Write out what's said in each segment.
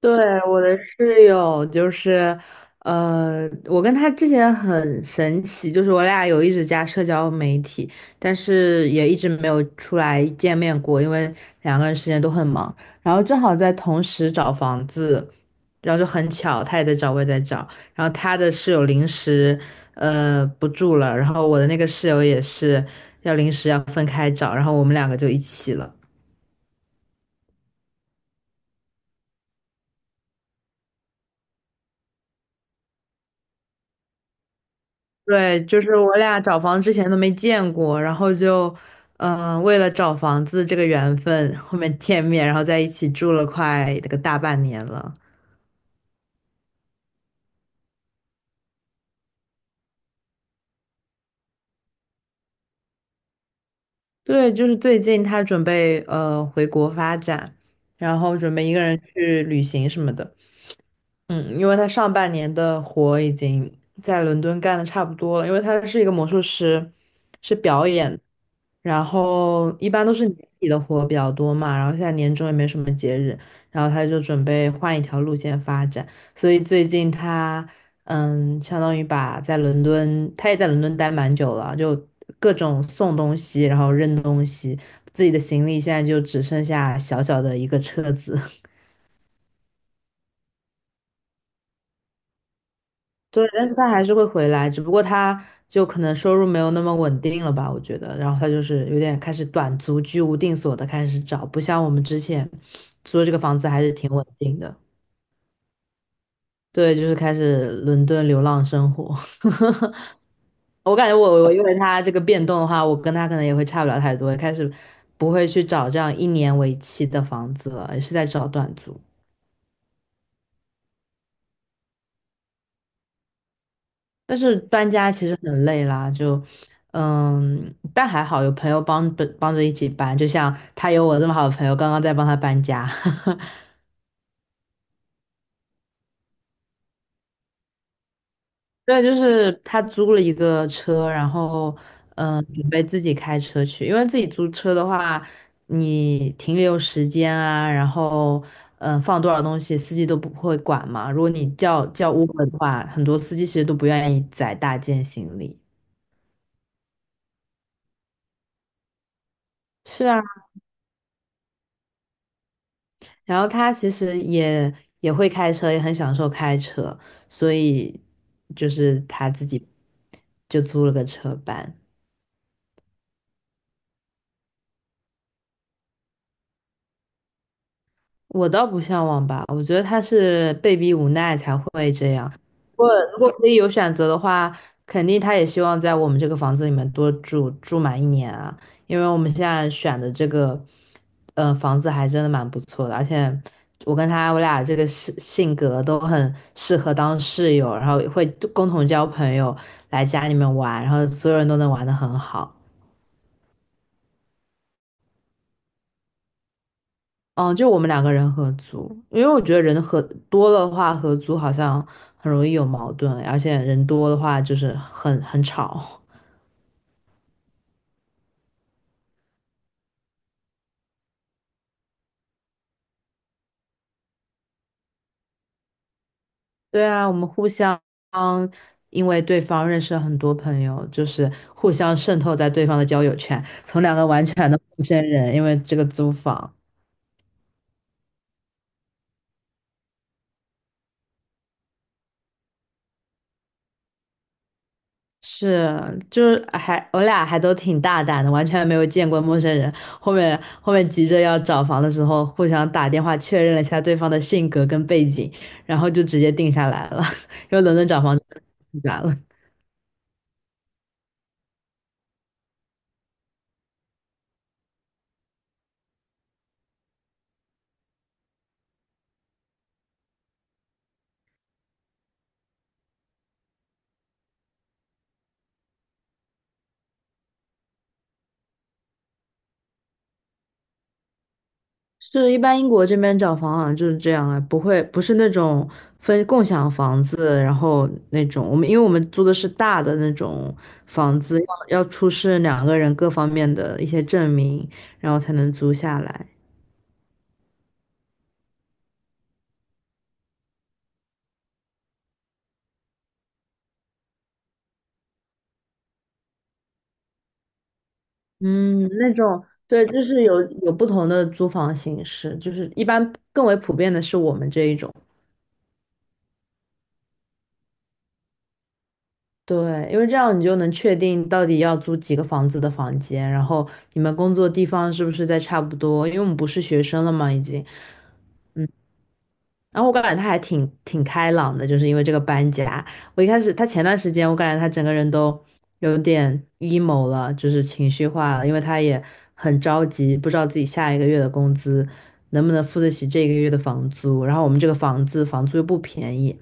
对，我的室友就是，我跟他之前很神奇，就是我俩有一直加社交媒体，但是也一直没有出来见面过，因为两个人时间都很忙。然后正好在同时找房子，然后就很巧，他也在找，我也在找。然后他的室友临时，不住了，然后我的那个室友也是要临时要分开找，然后我们两个就一起了。对，就是我俩找房之前都没见过，然后就，为了找房子这个缘分，后面见面，然后在一起住了快那个大半年了。对，就是最近他准备回国发展，然后准备一个人去旅行什么的。嗯，因为他上半年的活已经在伦敦干的差不多了，因为他是一个魔术师，是表演，然后一般都是年底的活比较多嘛，然后现在年终也没什么节日，然后他就准备换一条路线发展，所以最近他相当于把在伦敦，他也在伦敦待蛮久了，就各种送东西，然后扔东西，自己的行李现在就只剩下小小的一个车子。对，但是他还是会回来，只不过他就可能收入没有那么稳定了吧，我觉得。然后他就是有点开始短租居无定所的开始找，不像我们之前租的这个房子还是挺稳定的。对，就是开始伦敦流浪生活。我感觉我因为他这个变动的话，我跟他可能也会差不了太多，开始不会去找这样一年为期的房子了，也是在找短租。但是搬家其实很累啦，就但还好有朋友帮着帮着一起搬，就像他有我这么好的朋友，刚刚在帮他搬家。对，就是他租了一个车，然后准备自己开车去，因为自己租车的话，你停留时间啊，然后放多少东西，司机都不会管嘛。如果你叫 Uber 的话，很多司机其实都不愿意载大件行李。是啊。然后他其实也也会开车，也很享受开车，所以就是他自己就租了个车班。我倒不向往吧，我觉得他是被逼无奈才会这样。如果如果可以有选择的话，肯定他也希望在我们这个房子里面多住满一年啊，因为我们现在选的这个，房子还真的蛮不错的，而且我跟他我俩这个性格都很适合当室友，然后会共同交朋友，来家里面玩，然后所有人都能玩得很好。嗯，就我们两个人合租，因为我觉得人合多的话，合租好像很容易有矛盾，而且人多的话就是很吵。对啊，我们互相因为对方认识了很多朋友，就是互相渗透在对方的交友圈，从两个完全的陌生人，因为这个租房，是，就是还我俩还都挺大胆的，完全没有见过陌生人。后面急着要找房的时候，互相打电话确认了一下对方的性格跟背景，然后就直接定下来了。因为伦敦找房真的太复杂了。是，一般英国这边找房好像就是这样啊，不是那种分共享房子，然后那种我们因为我们租的是大的那种房子，要出示两个人各方面的一些证明，然后才能租下来。嗯，那种对，就是有不同的租房形式，就是一般更为普遍的是我们这一种。对，因为这样你就能确定到底要租几个房子的房间，然后你们工作地方是不是在差不多，因为我们不是学生了嘛，已经，然后我感觉他还挺开朗的，就是因为这个搬家。我一开始他前段时间，我感觉他整个人都有点 emo 了，就是情绪化了，因为他也很着急，不知道自己下一个月的工资能不能付得起这个月的房租。然后我们这个房子房租又不便宜，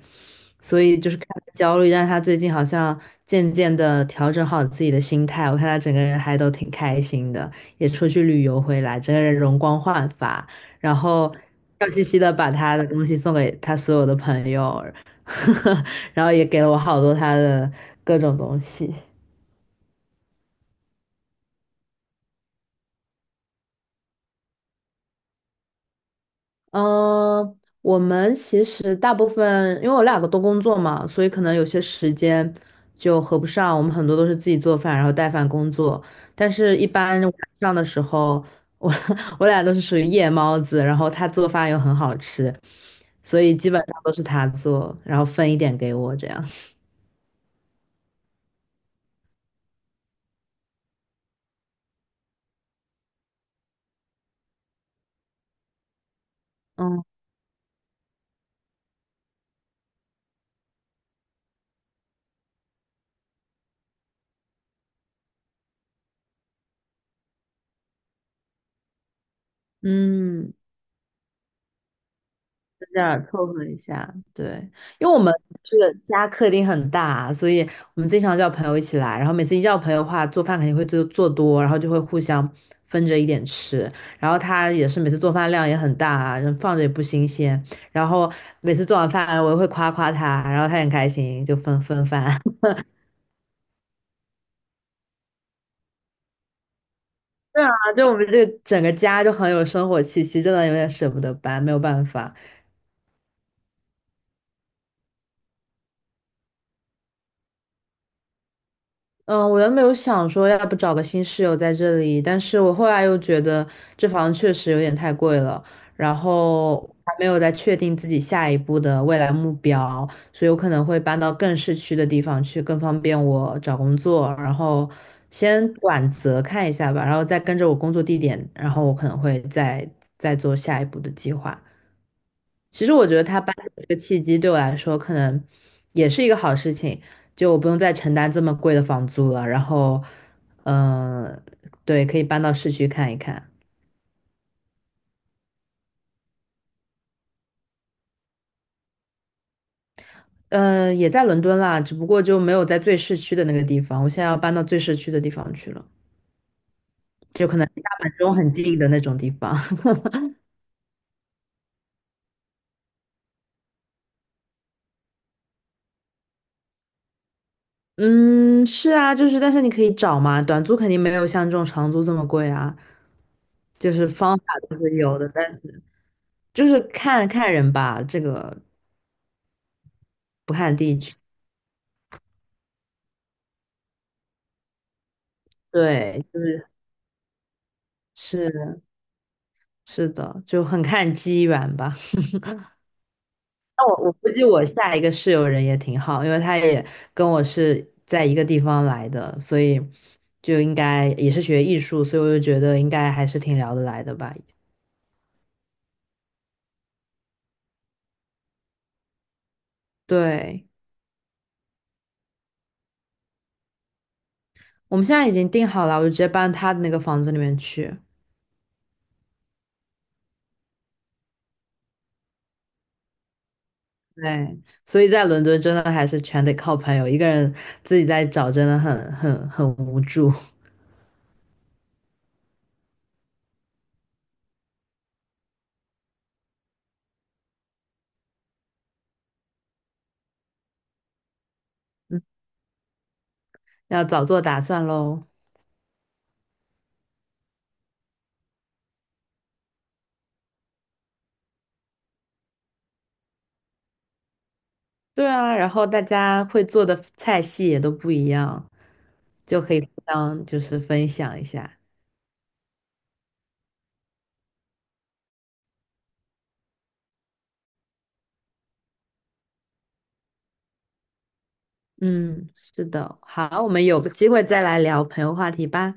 所以就是看他焦虑。但是他最近好像渐渐的调整好自己的心态，我看他整个人还都挺开心的，也出去旅游回来，整个人容光焕发。然后笑嘻嘻的把他的东西送给他所有的朋友，然后也给了我好多他的各种东西。嗯，我们其实大部分，因为我两个都工作嘛，所以可能有些时间就合不上。我们很多都是自己做饭，然后带饭工作。但是，一般晚上的时候，我 我俩都是属于夜猫子，然后他做饭又很好吃，所以基本上都是他做，然后分一点给我这样。嗯嗯。这样凑合一下，对，因为我们这个家客厅很大啊，所以我们经常叫朋友一起来，然后每次一叫朋友的话，做饭肯定会做多，然后就会互相分着一点吃，然后他也是每次做饭量也很大啊，人放着也不新鲜，然后每次做完饭我也会夸夸他，然后他很开心，就分分饭 啊，就我们这个整个家就很有生活气息，真的有点舍不得搬，没有办法。嗯，我原本有想说，要不找个新室友在这里，但是我后来又觉得这房确实有点太贵了，然后还没有再确定自己下一步的未来目标，所以我可能会搬到更市区的地方去，更方便我找工作，然后先短则看一下吧，然后再跟着我工作地点，然后我可能会再做下一步的计划。其实我觉得他搬走这个契机对我来说，可能也是一个好事情，就我不用再承担这么贵的房租了。然后，嗯，对，可以搬到市区看一看。嗯，也在伦敦啦，只不过就没有在最市区的那个地方。我现在要搬到最市区的地方去了，就可能离大本钟很近的那种地方。嗯，是啊，就是但是你可以找嘛，短租肯定没有像这种长租这么贵啊，就是方法都是有的，但是就是看看人吧，这个不看地区，对，就是是是的，就很看机缘吧。那我估计我下一个室友人也挺好，因为他也跟我是在一个地方来的，所以就应该也是学艺术，所以我就觉得应该还是挺聊得来的吧。对，我们现在已经定好了，我就直接搬他的那个房子里面去。对，所以在伦敦真的还是全得靠朋友，一个人自己在找真的很无助，嗯，要早做打算喽。对啊，然后大家会做的菜系也都不一样，就可以互相就是分享一下。嗯，是的，好，我们有个机会再来聊朋友话题吧。